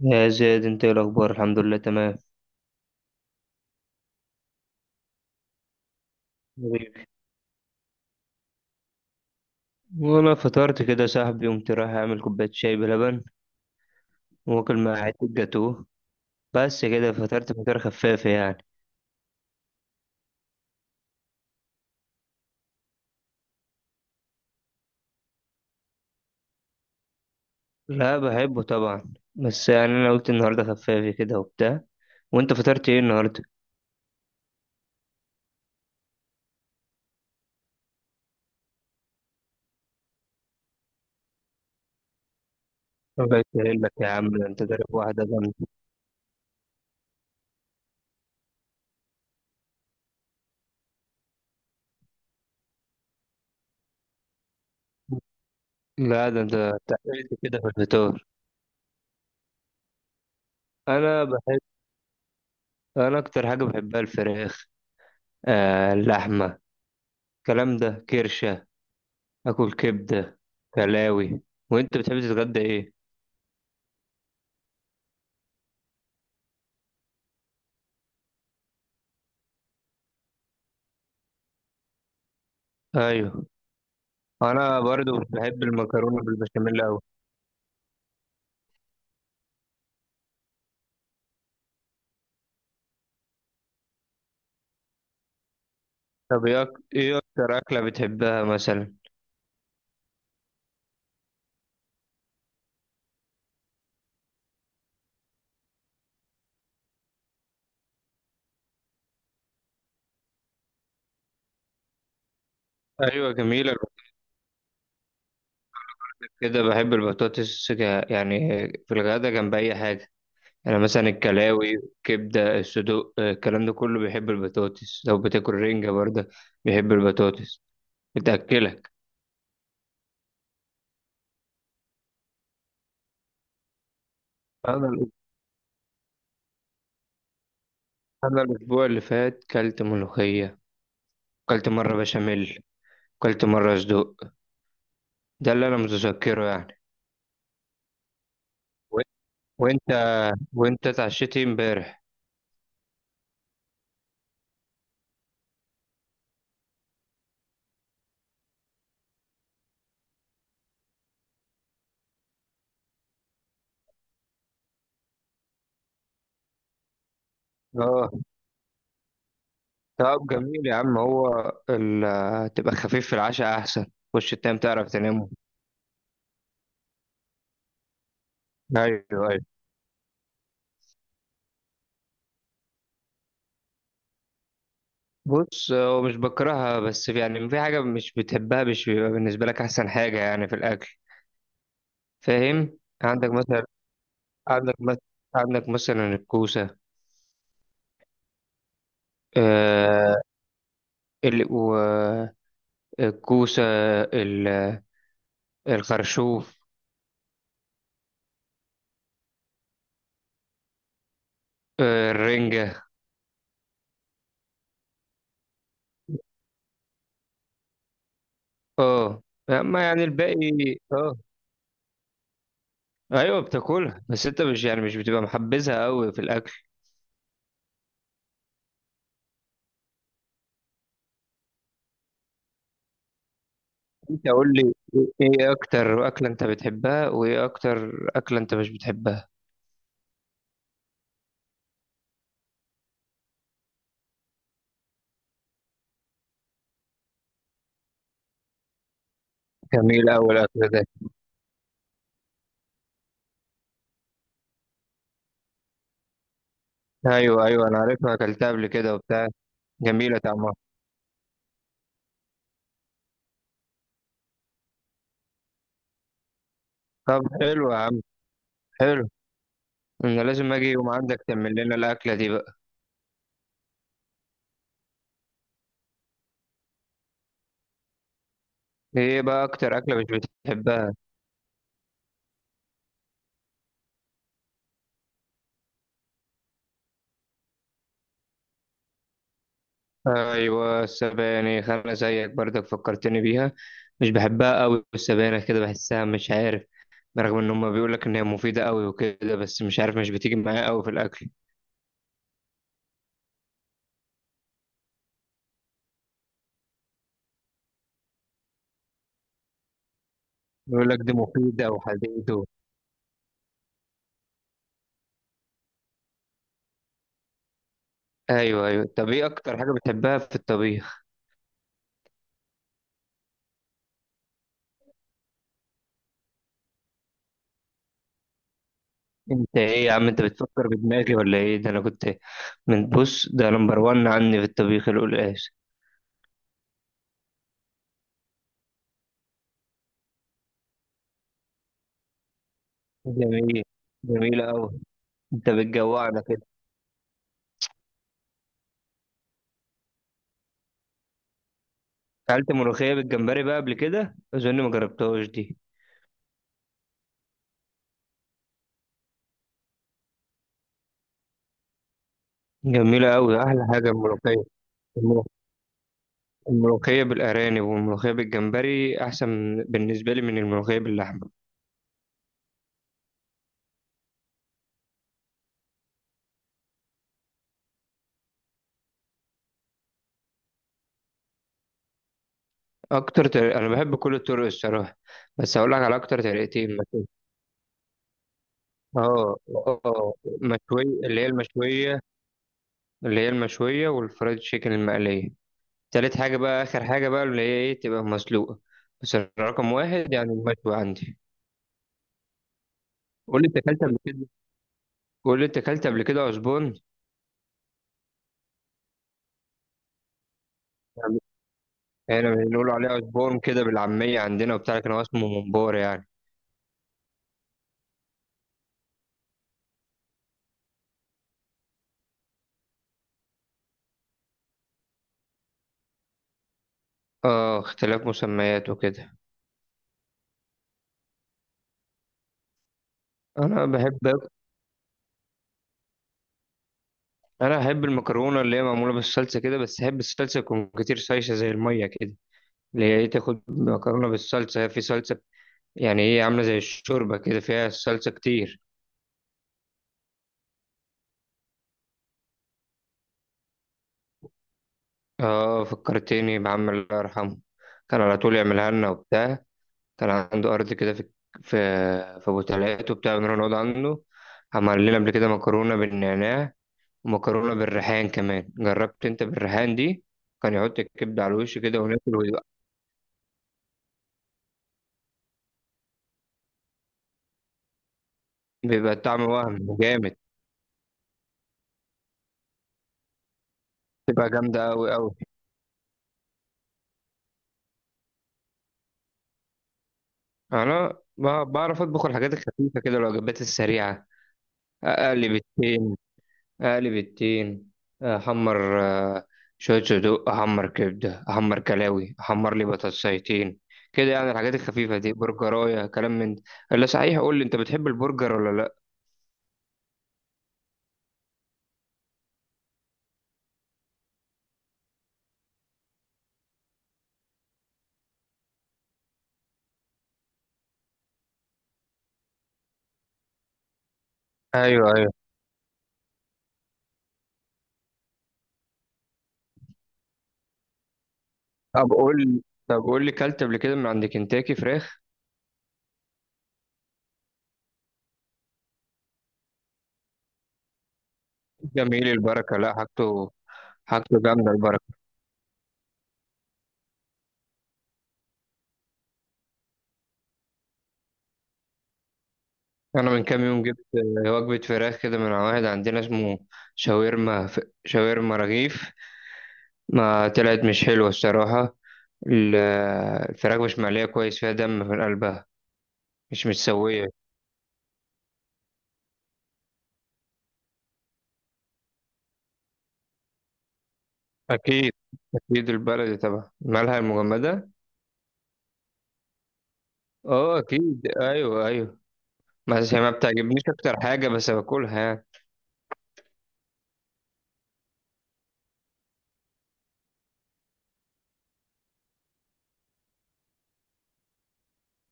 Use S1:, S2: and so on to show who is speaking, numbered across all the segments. S1: يا زياد، انت ايه الاخبار؟ الحمد لله تمام. حبيبي. وانا فطرت كده صاحبي، قمت رايح اعمل كوبايه شاي بلبن واكل مع حته جاتوه. بس كده فطرت فطار خفافه يعني. لا، بحبه طبعا، بس يعني انا قلت النهارده خفافي كده وبتاع. وانت فطرت ايه النهارده؟ بس قايل لك يا عم، ده انت ضارب واحده جامده. لا ده انت تعبت كده في الفطار. انا بحب انا اكتر حاجه بحبها الفراخ. آه، اللحمه، الكلام ده، كرشه، اكل كبده، كلاوي. وانت بتحب تتغدى ايه؟ ايوه، انا برضو بحب المكرونه بالبشاميل قوي. طب ايه إيه اكتر اكله بتحبها مثلا؟ ايوه جميله. كده بحب البطاطس، يعني في الغدا جنب اي حاجه. يعني مثلا الكلاوي، كبده، الصدوق، الكلام ده كله بيحب البطاطس. لو بتاكل رنجه برضه بيحب البطاطس. بتاكلك. انا انا الاسبوع اللي فات كلت ملوخيه، كلت مره بشاميل، كلت مره صدوق. ده اللي انا متذكره يعني. و- وانت وانت اتعشيتي امبارح؟ اه. طب جميل يا عم، هو تبقى خفيف في العشاء احسن. خش تنام، تعرف تنام. ايوه، ايوه. بص هو مش بكرهها، بس يعني في حاجه مش بتحبها، مش بيبقى بالنسبه لك احسن حاجه يعني في الاكل، فاهم؟ عندك مثلا، عندك مثلا عندك مثلا الكوسه. آه ال... و... الكوسه، ال... الخرشوف، الرنجه. اه، اما يعني الباقي. اه، ايوه بتاكلها، بس انت مش يعني مش بتبقى محبذها قوي في الاكل. انت قول لي، ايه اكتر اكله انت بتحبها وايه اكتر اكله انت مش بتحبها؟ جميل قوي الاكل ده. ايوه، ايوه، انا عارفها، اكلتها قبل كده وبتاع. جميله طعمها. طب حلو يا عم. حلو. انا لازم اجي يوم عندك تعمل لنا الاكله دي بقى. ايه بقى اكتر اكله مش بتحبها؟ ايوه، السبانخ، انا زيك برضك فكرتني بيها. مش بحبها قوي السبانخ، كده بحسها مش عارف. رغم ان هم بيقول لك ان هي مفيده قوي وكده، بس مش عارف مش بتيجي معايا قوي في الاكل. بيقول لك دي مفيده وحديد ايوه، ايوه. طب ايه اكتر حاجه بتحبها في الطبيخ؟ انت ايه يا عم، انت بتفكر بدماغي ولا ايه؟ ده انا كنت من بص ده نمبر وان عني في الطبيخ القلقاس. جميل. جميله قوي. انت بتجوعنا كده. اكلت ملوخيه بالجمبري بقى قبل كده؟ اظن ما جربتهاش دي. جميله قوي، احلى حاجه الملوخيه. الملو- الملوخيه بالارانب والملوخيه بالجمبري احسن بالنسبه لي من الملوخيه باللحمه. اكتر طريق، انا بحب كل الطرق الصراحه، بس هقول لك على اكتر طريقتين مثلا. اه، اه. اللي هي المشويه، والفرايد تشيكن المقليه. تالت حاجه بقى، اخر حاجه بقى اللي هي تبقى مسلوقه. بس رقم واحد يعني المشوي عندي. قول لي انت اكلت قبل كده قول لي انت اكلت قبل كده عزبون. احنا بنقول عليه عزبون كده بالعاميه عندنا وبتاع، لكن هو اسمه ممبار يعني. اه، اختلاف مسميات وكده. انا بحب انا احب المكرونه اللي هي معموله بالصلصه كده، بس احب الصلصه تكون كتير سايشه زي الميه كده. اللي هي تاخد مكرونه بالصلصه، هي في صلصه. يعني هي عامله زي الشوربه كده فيها الصلصه كتير. اه، فكرتني بعم الله يرحمه. كان على طول يعملها لنا وبتاع. كان عنده ارض كده في في ابو تلات وبتاع، بنروح نقعد عنده. عمل لنا قبل كده مكرونه بالنعناع، ومكرونه بالريحان كمان، جربت انت بالريحان دي؟ كان يحط الكبده على الوش كده وناكل، ويبقى بيبقى الطعم وهم جامد. تبقى جامدة أوي أوي. أنا بعرف أطبخ الحاجات الخفيفة كده، الوجبات السريعة. أقلب التين أقلب التين أحمر، شوية صدوق أحمر، كبدة أحمر، كلاوي أحمر، لي بطاطسايتين كده يعني. الحاجات الخفيفة دي برجراية كلام من ده. إلا صحيح، قول لي أنت بتحب البرجر ولا لأ؟ ايوه، ايوه. طب قول طب قول لي، كلت قبل كده من عند كنتاكي فراخ؟ جميل البركة، لا حاجته. حاجته جامدة البركة. انا من كام يوم جبت وجبه فراخ كده من واحد عندنا اسمه شاورما، شاورما رغيف. ما طلعت مش حلوه الصراحه. الفراخ مش مقليه كويس، فيها دم من قلبها، مش متسويه. اكيد. اكيد البلدي طبعا، مالها المجمده. اه اكيد، ايوه، ايوه. بس هي ما بتعجبنيش اكتر حاجه، بس باكلها يعني.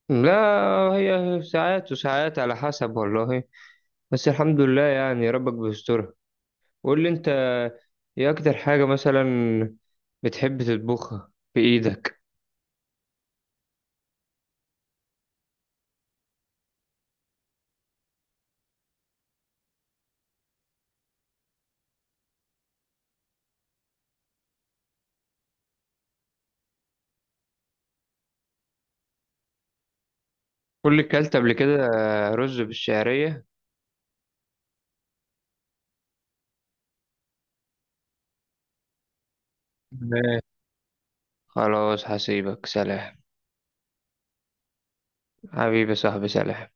S1: لا، هي ساعات وساعات على حسب والله. بس الحمد لله يعني، ربك بيسترها. قول لي انت، ايه اكتر حاجة مثلا بتحب تطبخها بإيدك؟ كلت قبل كده رز بالشعرية. لا. خلاص هسيبك، سلام. حبيبي صاحبي، سلام.